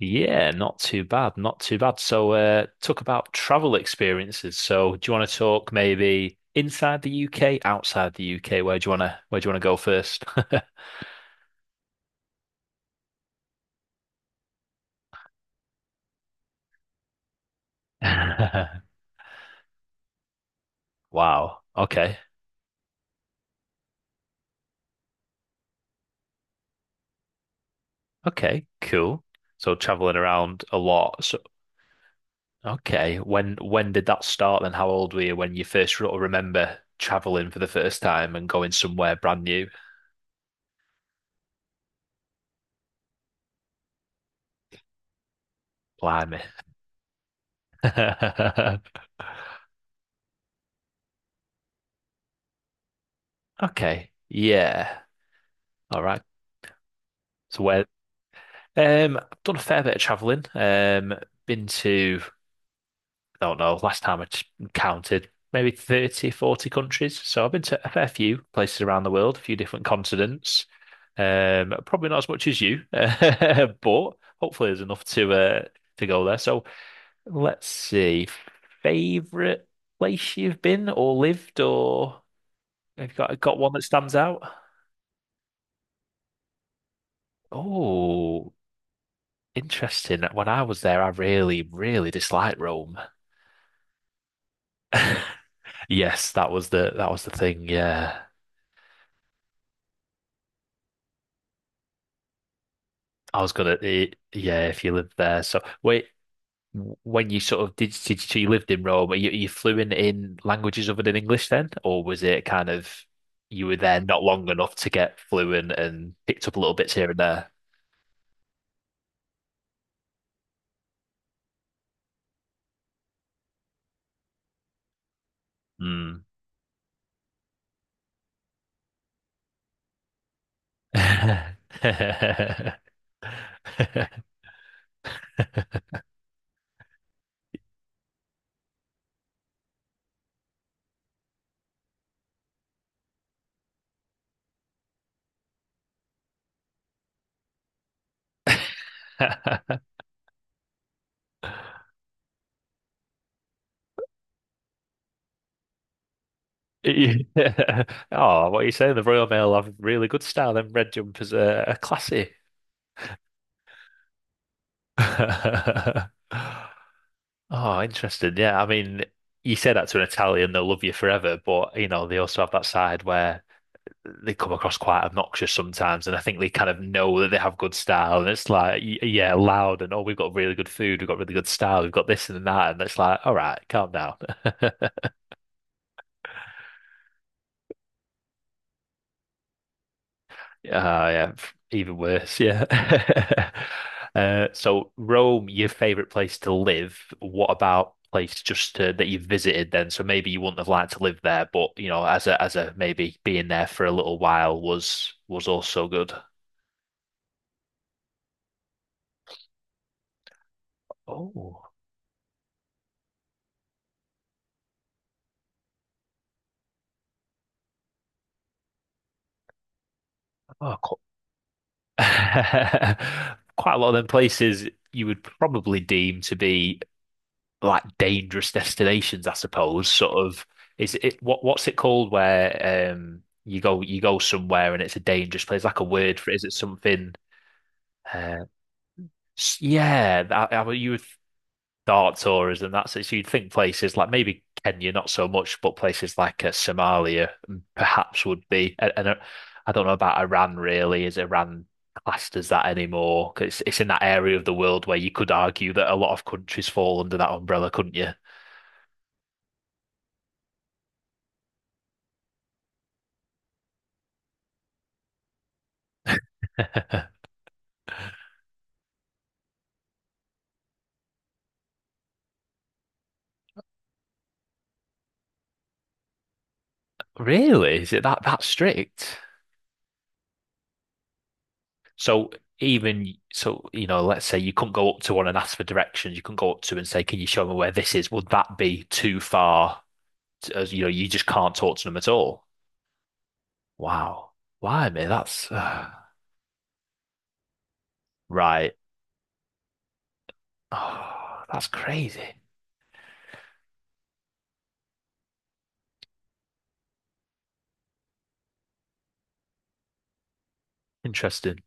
Yeah, not too bad, not too bad. So, talk about travel experiences. So, do you want to talk maybe inside the UK, outside the UK? Where do you want to where do you want to go first? Wow. Okay. Okay. Cool. So, traveling around a lot. So, okay. When did that start? And how old were you when you first sort of remember traveling for the first time and going somewhere brand new? Blimey. Okay. Yeah. All right. So where? I've done a fair bit of traveling. Been to, I don't know, last time I t- counted, maybe 30, 40 countries. So I've been to a fair few places around the world, a few different continents. Probably not as much as you, but hopefully there's enough to go there. So let's see, favorite place you've been or lived, or have you got one that stands out? Oh, interesting. When I was there, I really, really disliked Rome. Yes, that was the thing. Yeah, I was gonna. Eh, yeah, if you lived there. So wait, when you sort of did, you lived in Rome? You flew in languages other than English then, or was it kind of you were there not long enough to get fluent and picked up little bits here and there? Mm. Yeah. Oh, what are you saying? The Royal Mail have really good style. Them red jumpers are classy. Oh, interesting. Yeah, I mean, you say that to an Italian, they'll love you forever, but you know, they also have that side where they come across quite obnoxious sometimes, and I think they kind of know that they have good style, and it's like, yeah, loud, and oh, we've got really good food, we've got really good style, we've got this and that, and it's like, all right, calm down. Ah, yeah, even worse, yeah. So Rome, your favorite place to live. What about place just to, that you visited then? So maybe you wouldn't have liked to live there, but you know, as a maybe being there for a little while was also good. Oh, oh, qu- quite a lot of them places you would probably deem to be like dangerous destinations, I suppose. Sort of is it what's it called where you go somewhere and it's a dangerous place, like a word for it. Is it something? Uh, yeah, that, I mean, you would thought tourism. That's it. So you'd think places like maybe Kenya, not so much, but places like Somalia perhaps would be. And I don't know about Iran really. Is Iran classed as that anymore? 'Cause it's in that area of the world where you could argue that a lot of countries fall under that umbrella, couldn't you? Really? Is it that strict? So even so, you know, let's say you couldn't go up to one and ask for directions. You couldn't go up to and say, "Can you show me where this is?" Would that be too far? To, as you know, you just can't talk to them at all. Wow. Why, mate? That's right. Oh, that's crazy. Interesting.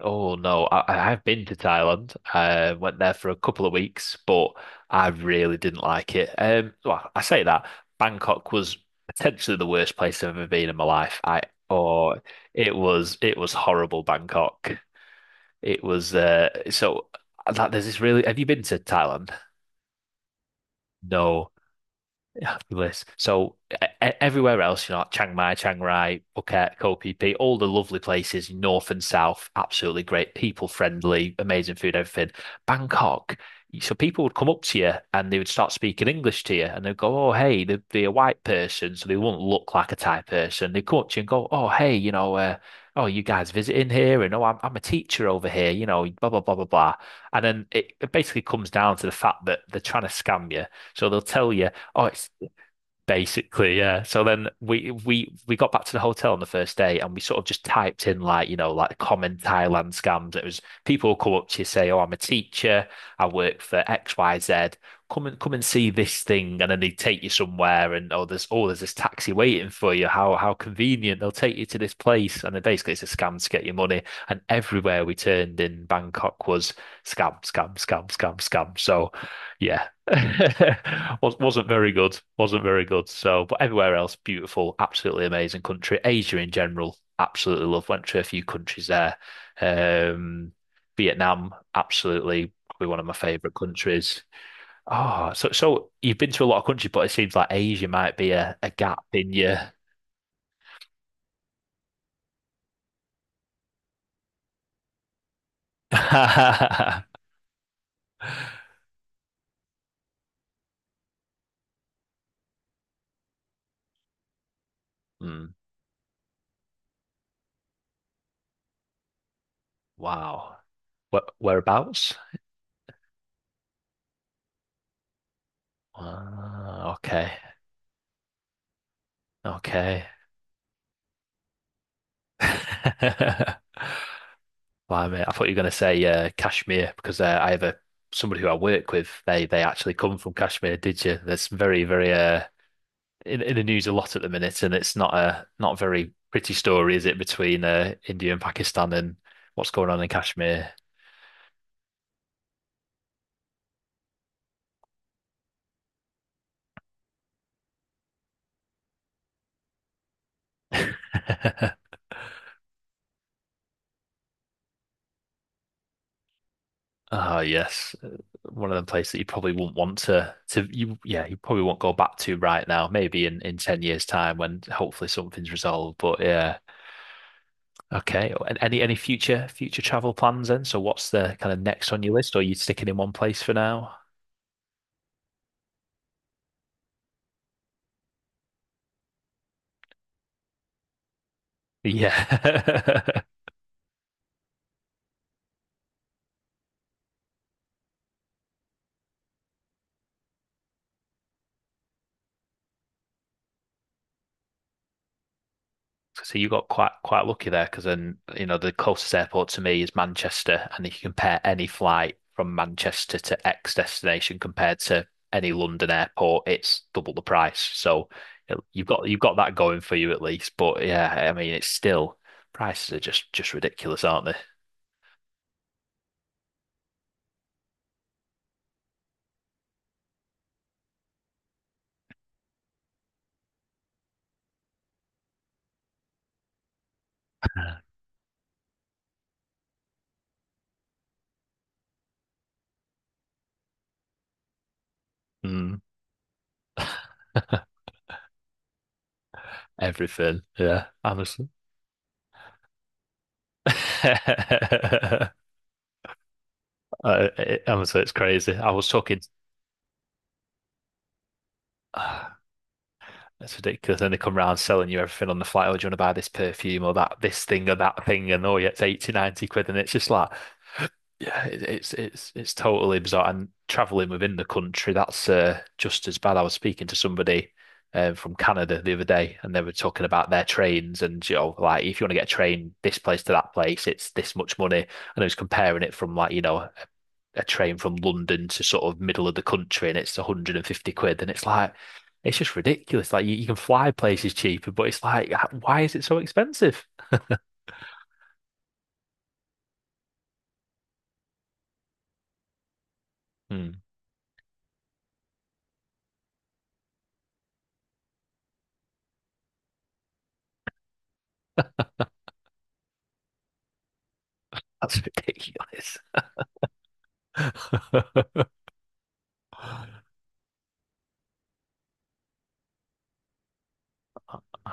Oh no, I've been to Thailand. I went there for a couple of weeks, but I really didn't like it. Well, I say that Bangkok was potentially the worst place I've ever been in my life. Oh, it was horrible Bangkok. It was so that there's this really. Have you been to Thailand? No happy list. So everywhere else, you know, like Chiang Mai, Chiang Rai, Phuket, Koh Phi Phi, all the lovely places, north and south, absolutely great, people friendly, amazing food, everything. Bangkok, so people would come up to you and they would start speaking English to you, and they'd go, "Oh, hey," they'd be a white person, so they wouldn't look like a Thai person. They'd come up to you and go, "Oh, hey, you know, oh, you guys visiting here?" And oh, I'm a teacher over here, you know, blah blah blah blah blah. And then it basically comes down to the fact that they're trying to scam you. So they'll tell you, "Oh, it's Basically, yeah. So then we got back to the hotel on the first day and we sort of just typed in like, you know, like common Thailand scams. It was people come up to you say, "Oh, I'm a teacher. I work for XYZ. Come and see this thing." And then they take you somewhere and oh, there's this taxi waiting for you. How convenient. They'll take you to this place and then basically it's a scam to get your money. And everywhere we turned in Bangkok was scam, scam, scam, scam, scam. So, yeah, Was wasn't very good. Wasn't very good. So, but everywhere else, beautiful, absolutely amazing country. Asia in general, absolutely love. Went to a few countries there. Um, Vietnam, absolutely probably one of my favorite countries. Oh, so so you've been to a lot of countries, but it seems like Asia might be a gap in your. Hmm, wow. Where, whereabouts? Ah, okay. Okay. Well, I mean, I thought you were going to say Kashmir because I have a somebody who I work with. They actually come from Kashmir. Did you? That's very in the news a lot at the minute, and it's not a not very pretty story, is it, between India and Pakistan and what's going on in Kashmir? Ah, yes, one of them places that you probably wouldn't want to you yeah you probably won't go back to right now. Maybe in 10 years' time when hopefully something's resolved. But yeah. Okay. And any future travel plans then? So what's the kind of next on your list, or are you sticking in one place for now? Yeah. So you got quite lucky there because then you know the closest airport to me is Manchester, and if you compare any flight from Manchester to X destination compared to any London airport, it's double the price. So you know, you've got that going for you at least. But yeah, I mean it's still prices are just ridiculous, aren't they? Mm. Everything. Yeah, honestly. Honestly, it's crazy. I was talking. uh, It's ridiculous. Then they come round selling you everything on the flight. Oh, do you want to buy this perfume or that this thing or that thing? And oh, yeah, it's 80, £90. And it's just like, yeah, it's it's totally bizarre. And traveling within the country, that's just as bad. I was speaking to somebody from Canada the other day, and they were talking about their trains and you know, like if you want to get a train this place to that place, it's this much money. And I was comparing it from like you know a train from London to sort of middle of the country and it's 150 quid. And it's like, it's just ridiculous. Like you can fly places cheaper, but it's like, why is it so expensive? Hmm, that's ridiculous.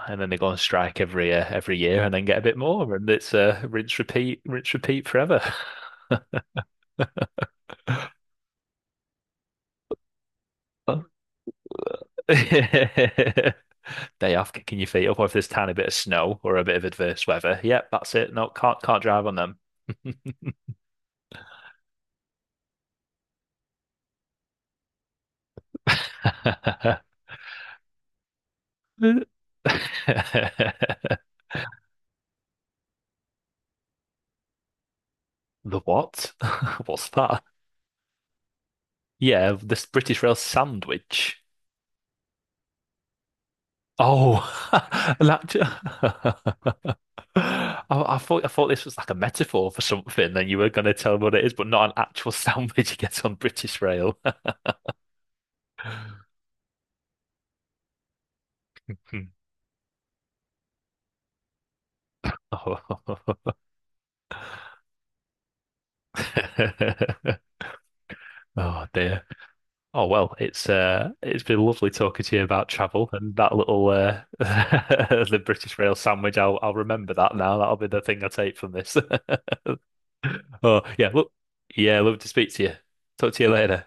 And then they go on strike every year and then get a bit more. And it's rinse, repeat forever. Day off, kicking your feet up, or if there's a tiny bit of snow or a bit of adverse weather. Yep, that's it. No, can't drive on them. Uh, The what? What's that? Yeah, this British Rail sandwich. Oh, an act- I, I thought this was like a metaphor for something, and you were going to tell me what it is, but not an actual sandwich you get on British Rail. Oh, oh dear. Oh well, it's been lovely talking to you about travel and that little the British Rail sandwich. I'll remember that now. That'll be the thing I take from this. Oh yeah, look, yeah, love to speak to you. Talk to you later.